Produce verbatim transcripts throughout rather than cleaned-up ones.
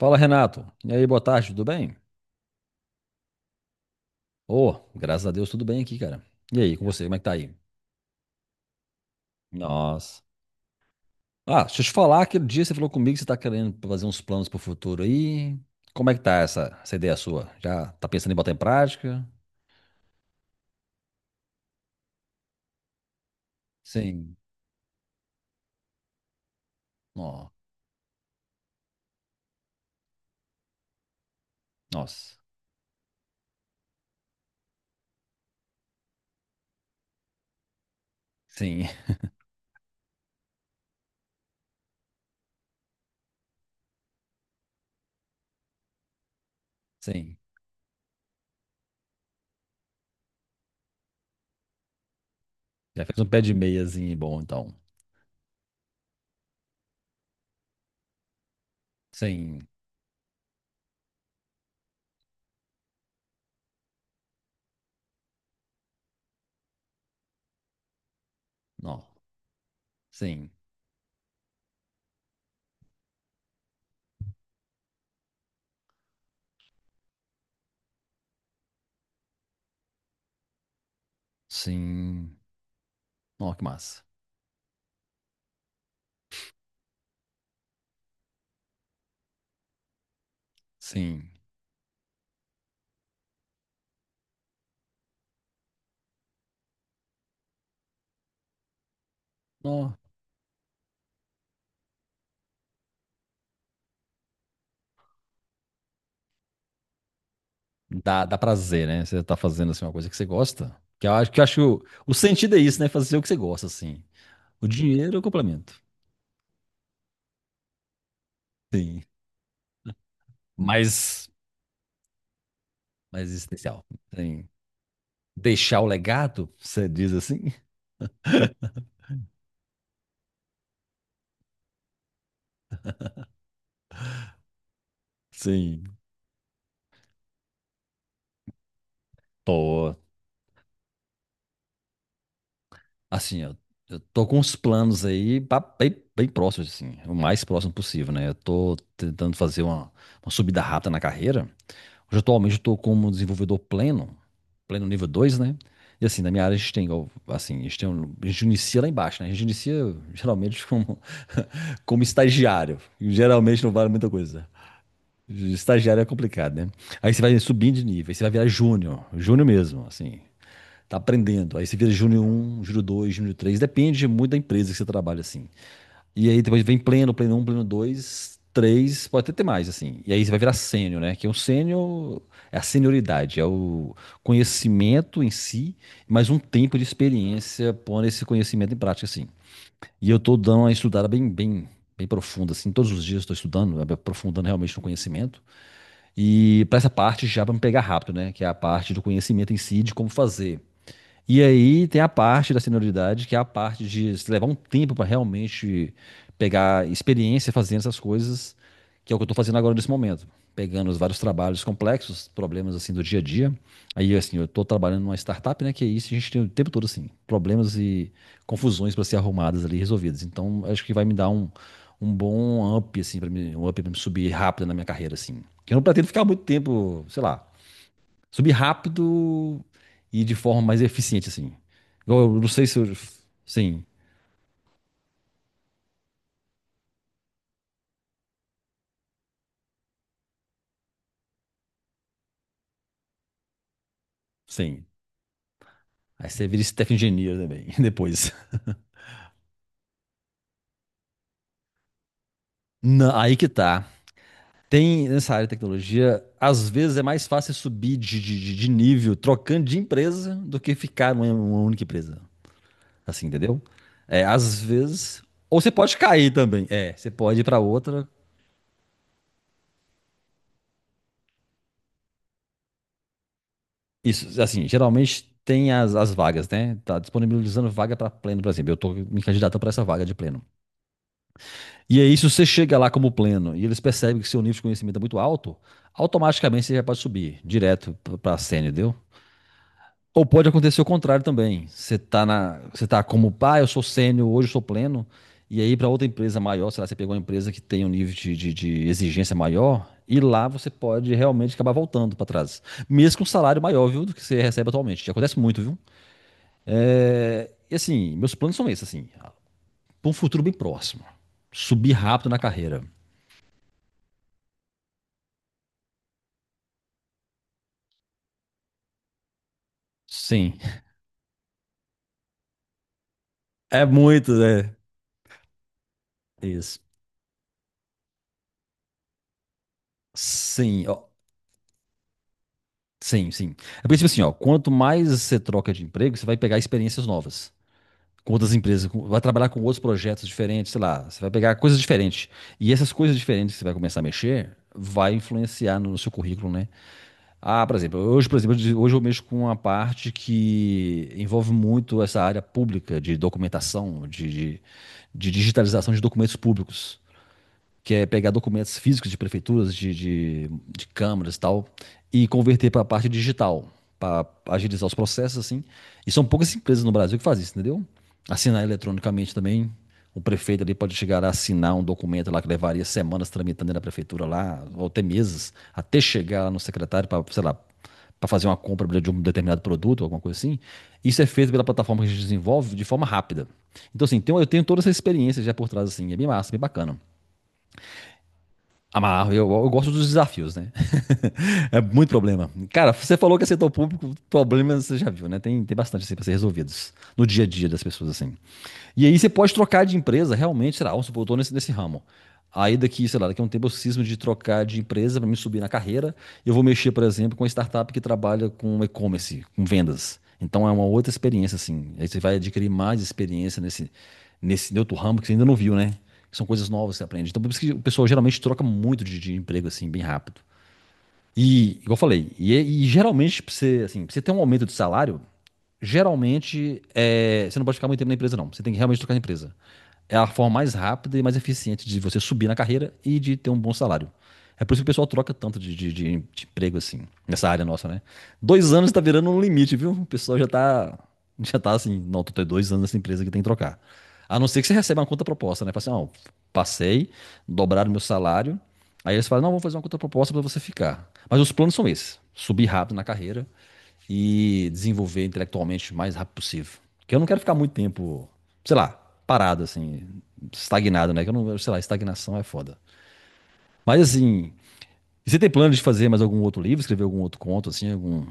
Fala, Renato. E aí, boa tarde, tudo bem? Ô, graças a Deus, tudo bem aqui, cara. E aí, com você, como é que tá aí? Nossa. Ah, deixa eu te falar, aquele dia você falou comigo que você tá querendo fazer uns planos pro futuro aí. Como é que tá essa, essa ideia sua? Já tá pensando em botar em prática? Sim. Ó, nossa. Sim, sim. Já fez um pé de meiazinho bom, então. Sim. Não. Sim. Sim. Ó, que massa. Sim. Ó. Dá, dá prazer, né? Você tá fazendo assim, uma coisa que você gosta. Que eu acho que eu acho o sentido é isso, né? Fazer o que você gosta, assim. O dinheiro é o complemento. Sim. mais mais existencial. Sim. Deixar o legado, você diz assim? Sim. Tô. Assim, eu, eu tô com uns planos aí ba- bem, bem próximos, assim. O mais próximo possível, né? Eu tô tentando fazer uma, uma subida rápida na carreira. Hoje, atualmente, eu estou como desenvolvedor pleno, pleno nível dois, né? E assim, na minha área a gente tem, igual, assim, a gente, tem um- a gente inicia lá embaixo, né? A gente inicia geralmente como, como estagiário. E geralmente não vale muita coisa. Estagiário é complicado, né? Aí você vai subindo de nível, aí você vai virar júnior, júnior mesmo, assim. Tá aprendendo. Aí você vira júnior um, júnior dois, júnior três. Depende muito da empresa que você trabalha, assim. E aí depois vem pleno, pleno um pleno dois três pode até ter mais, assim. E aí você vai virar sênior, né? Que é um sênior, é a senioridade, é o conhecimento em si, mas um tempo de experiência pondo esse conhecimento em prática, assim. E eu tô dando uma estudada bem, bem, bem profunda, assim. Todos os dias estou estudando, né? Aprofundando realmente no conhecimento. E para essa parte já para me pegar rápido, né? Que é a parte do conhecimento em si, de como fazer. E aí tem a parte da senioridade, que é a parte de se levar um tempo para realmente pegar experiência fazendo essas coisas, que é o que eu estou fazendo agora nesse momento. Pegando os vários trabalhos complexos, problemas assim do dia a dia. Aí, assim, eu estou trabalhando numa startup, né? Que é isso, a gente tem o tempo todo, assim, problemas e confusões para ser arrumadas ali, resolvidas. Então, acho que vai me dar um, um bom up, assim, para mim, um up para me subir rápido na minha carreira, assim. Que eu não pretendo ficar muito tempo, sei lá, subir rápido e de forma mais eficiente, assim. Igual eu não sei se eu... Sim, sim. Aí você vira staff engineer também, depois. Não, aí que tá. Tem, nessa área de tecnologia, às vezes é mais fácil subir de, de, de- de nível trocando de empresa do que ficar numa numa única empresa. Assim, entendeu? É, às vezes... Ou você pode cair também. É, você pode ir pra outra... Isso, assim, geralmente tem as, as vagas, né? Tá disponibilizando vaga pra pleno, por exemplo. Eu tô me candidatando pra essa vaga de pleno. E aí, se você chega lá como pleno e eles percebem que seu nível de conhecimento é muito alto, automaticamente você já pode subir direto para sênior, entendeu? Ou pode acontecer o contrário também. Você tá na, você tá como, pá, eu sou sênior, hoje eu sou pleno, e aí para outra empresa maior, sei lá, você pegou uma empresa que tem um nível de, de, de exigência maior, e lá você pode realmente acabar voltando para trás. Mesmo com um salário maior, viu, do que você recebe atualmente. Já acontece muito, viu? É, e assim, meus planos são esses, assim, para um futuro bem próximo. Subir rápido na carreira. Sim. É muito, né? Isso. Sim, ó. Sim, sim. É porque, tipo assim, ó, quanto mais você troca de emprego, você vai pegar experiências novas. Com outras empresas, com- vai trabalhar com outros projetos diferentes, sei lá, você vai pegar coisas diferentes. E essas coisas diferentes que você vai começar a mexer, vai influenciar no seu currículo, né? Ah, por exemplo, hoje, por exemplo, hoje eu mexo com uma parte que envolve muito essa área pública de documentação, de, de de digitalização de documentos públicos. Que é pegar documentos físicos de prefeituras, de, de, de câmaras e tal, e converter para a parte digital, para agilizar os processos, assim. E são poucas empresas no Brasil que fazem isso, entendeu? Assinar eletronicamente também. O prefeito ali pode chegar a assinar um documento lá que levaria semanas tramitando na prefeitura lá, ou até meses, até chegar lá no secretário para, sei lá, para fazer uma compra de um determinado produto, alguma coisa assim. Isso é feito pela plataforma que a gente desenvolve de forma rápida. Então, assim, tem- eu tenho toda essa experiência já por trás, assim, é bem massa, bem bacana. Amarro, eu, eu gosto dos desafios, né? É muito problema. Cara, você falou que é setor público, problemas você já viu, né? Tem, tem bastante assim para ser resolvidos no dia a dia das pessoas, assim. E aí você pode trocar de empresa, realmente, será? Vamos supor, eu tô nesse, nesse ramo. Aí daqui, sei lá, daqui a um tempo eu cismo de trocar de empresa para me subir na carreira. Eu vou mexer, por exemplo, com uma startup que trabalha com e-commerce, com vendas. Então é uma outra experiência, assim. Aí você vai adquirir mais experiência nesse, nesse outro ramo que você ainda não viu, né? São coisas novas que você aprende. Então, por isso que o pessoal geralmente troca muito de, de emprego, assim, bem rápido. E, igual eu falei, e, é, e geralmente, pra você, assim, pra você ter um aumento de salário, geralmente, é, você não pode ficar muito tempo na empresa, não. Você tem que realmente trocar de empresa. É a forma mais rápida e mais eficiente de você subir na carreira e de ter um bom salário. É por isso que o pessoal troca tanto de, de, de- emprego assim, nessa área nossa, né? Dois anos tá virando um limite, viu? O pessoal já tá, já tá assim, não, tô tem dois anos nessa empresa que tem que trocar. A não ser que você receba uma contraproposta, né? Fala assim, ó, passei, dobraram meu salário. Aí eles falam, não, vamos fazer uma contraproposta para você ficar. Mas os planos são esses: subir rápido na carreira e desenvolver intelectualmente o mais rápido possível. Porque eu não quero ficar muito tempo, sei lá, parado, assim, estagnado, né? Que eu não, sei lá, estagnação é foda. Mas assim, e você tem plano de fazer mais algum outro livro, escrever algum outro conto, assim, algum.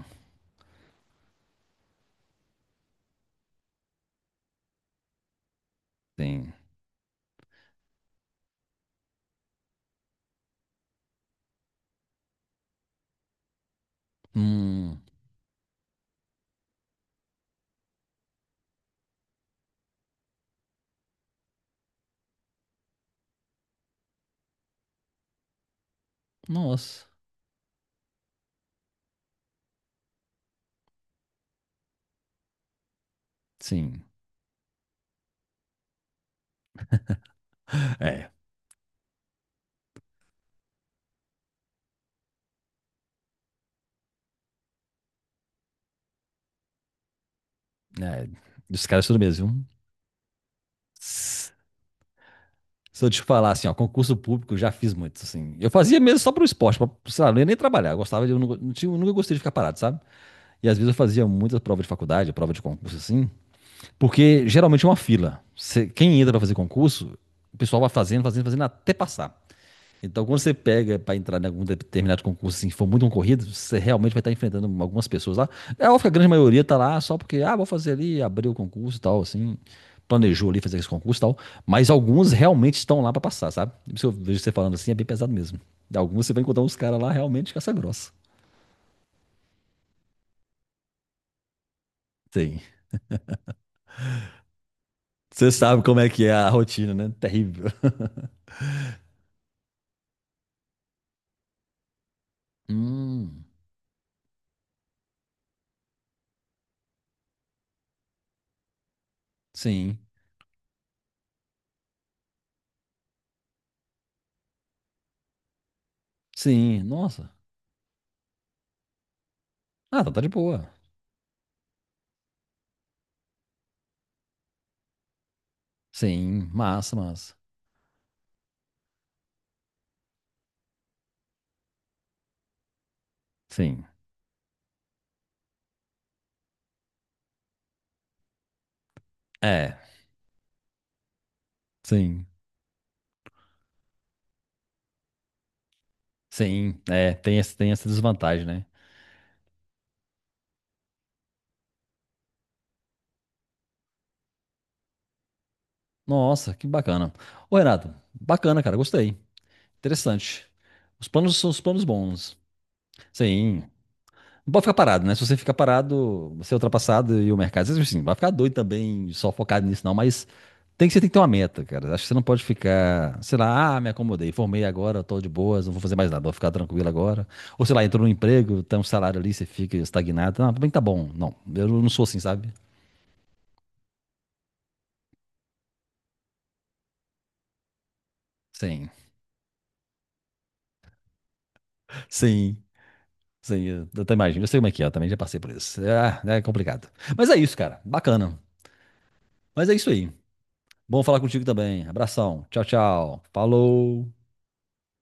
Tem. Hum. Nossa. Sim. É. É os caras tudo mesmo, viu? Se eu te falar assim, ó, concurso público, eu já fiz muito, assim. Eu fazia mesmo só pro esporte, pra, sei lá, não ia nem trabalhar. Eu gostava de. Eu, não, não tinha- eu nunca gostei de ficar parado, sabe? E às vezes eu fazia muitas provas de faculdade, prova de concurso assim, porque geralmente é uma fila. Você- quem entra para fazer concurso, o pessoal vai fazendo, fazendo, fazendo até passar. Então, quando você pega para entrar em algum determinado concurso, assim, que for muito concorrido, você realmente vai estar enfrentando algumas pessoas lá. É óbvio que a grande maioria está lá só porque, ah, vou fazer ali, abrir o concurso e tal, assim, planejou ali fazer esse concurso e tal. Mas alguns realmente estão lá para passar, sabe? Se eu vejo você falando assim, é bem pesado mesmo. Alguns você vai encontrar uns caras lá realmente caça grossa. Sim. Você sabe como é que é a rotina, né? Terrível. Hum, sim. Sim. Nossa. Ah, tá, tá de boa. Sim. Massa, massa. Sim. É. Sim. Sim. É, tem, esse- tem essa desvantagem, né? Nossa, que bacana. Ô, Renato, bacana, cara. Gostei. Interessante. Os planos são os planos bons. Sim. Não pode ficar parado, né? Se você ficar parado, você é ultrapassado e o mercado. Às vezes, assim, vai ficar doido também, só focado nisso, não, mas tem que, você tem que ter uma meta, cara. Acho que você não pode ficar, sei lá, ah, me acomodei, formei agora, tô de boas, não vou fazer mais nada, vou ficar tranquilo agora. Ou sei lá, entrou no emprego, tem um salário ali, você fica estagnado. Não, também tá bom. Não, eu não sou assim, sabe? Sim, sim, sim. Eu eu até imagino, eu sei como é que é, eu também já passei por isso. É, é complicado. Mas é isso, cara. Bacana. Mas é isso aí. Bom falar contigo também. Abração. Tchau, tchau. Falou.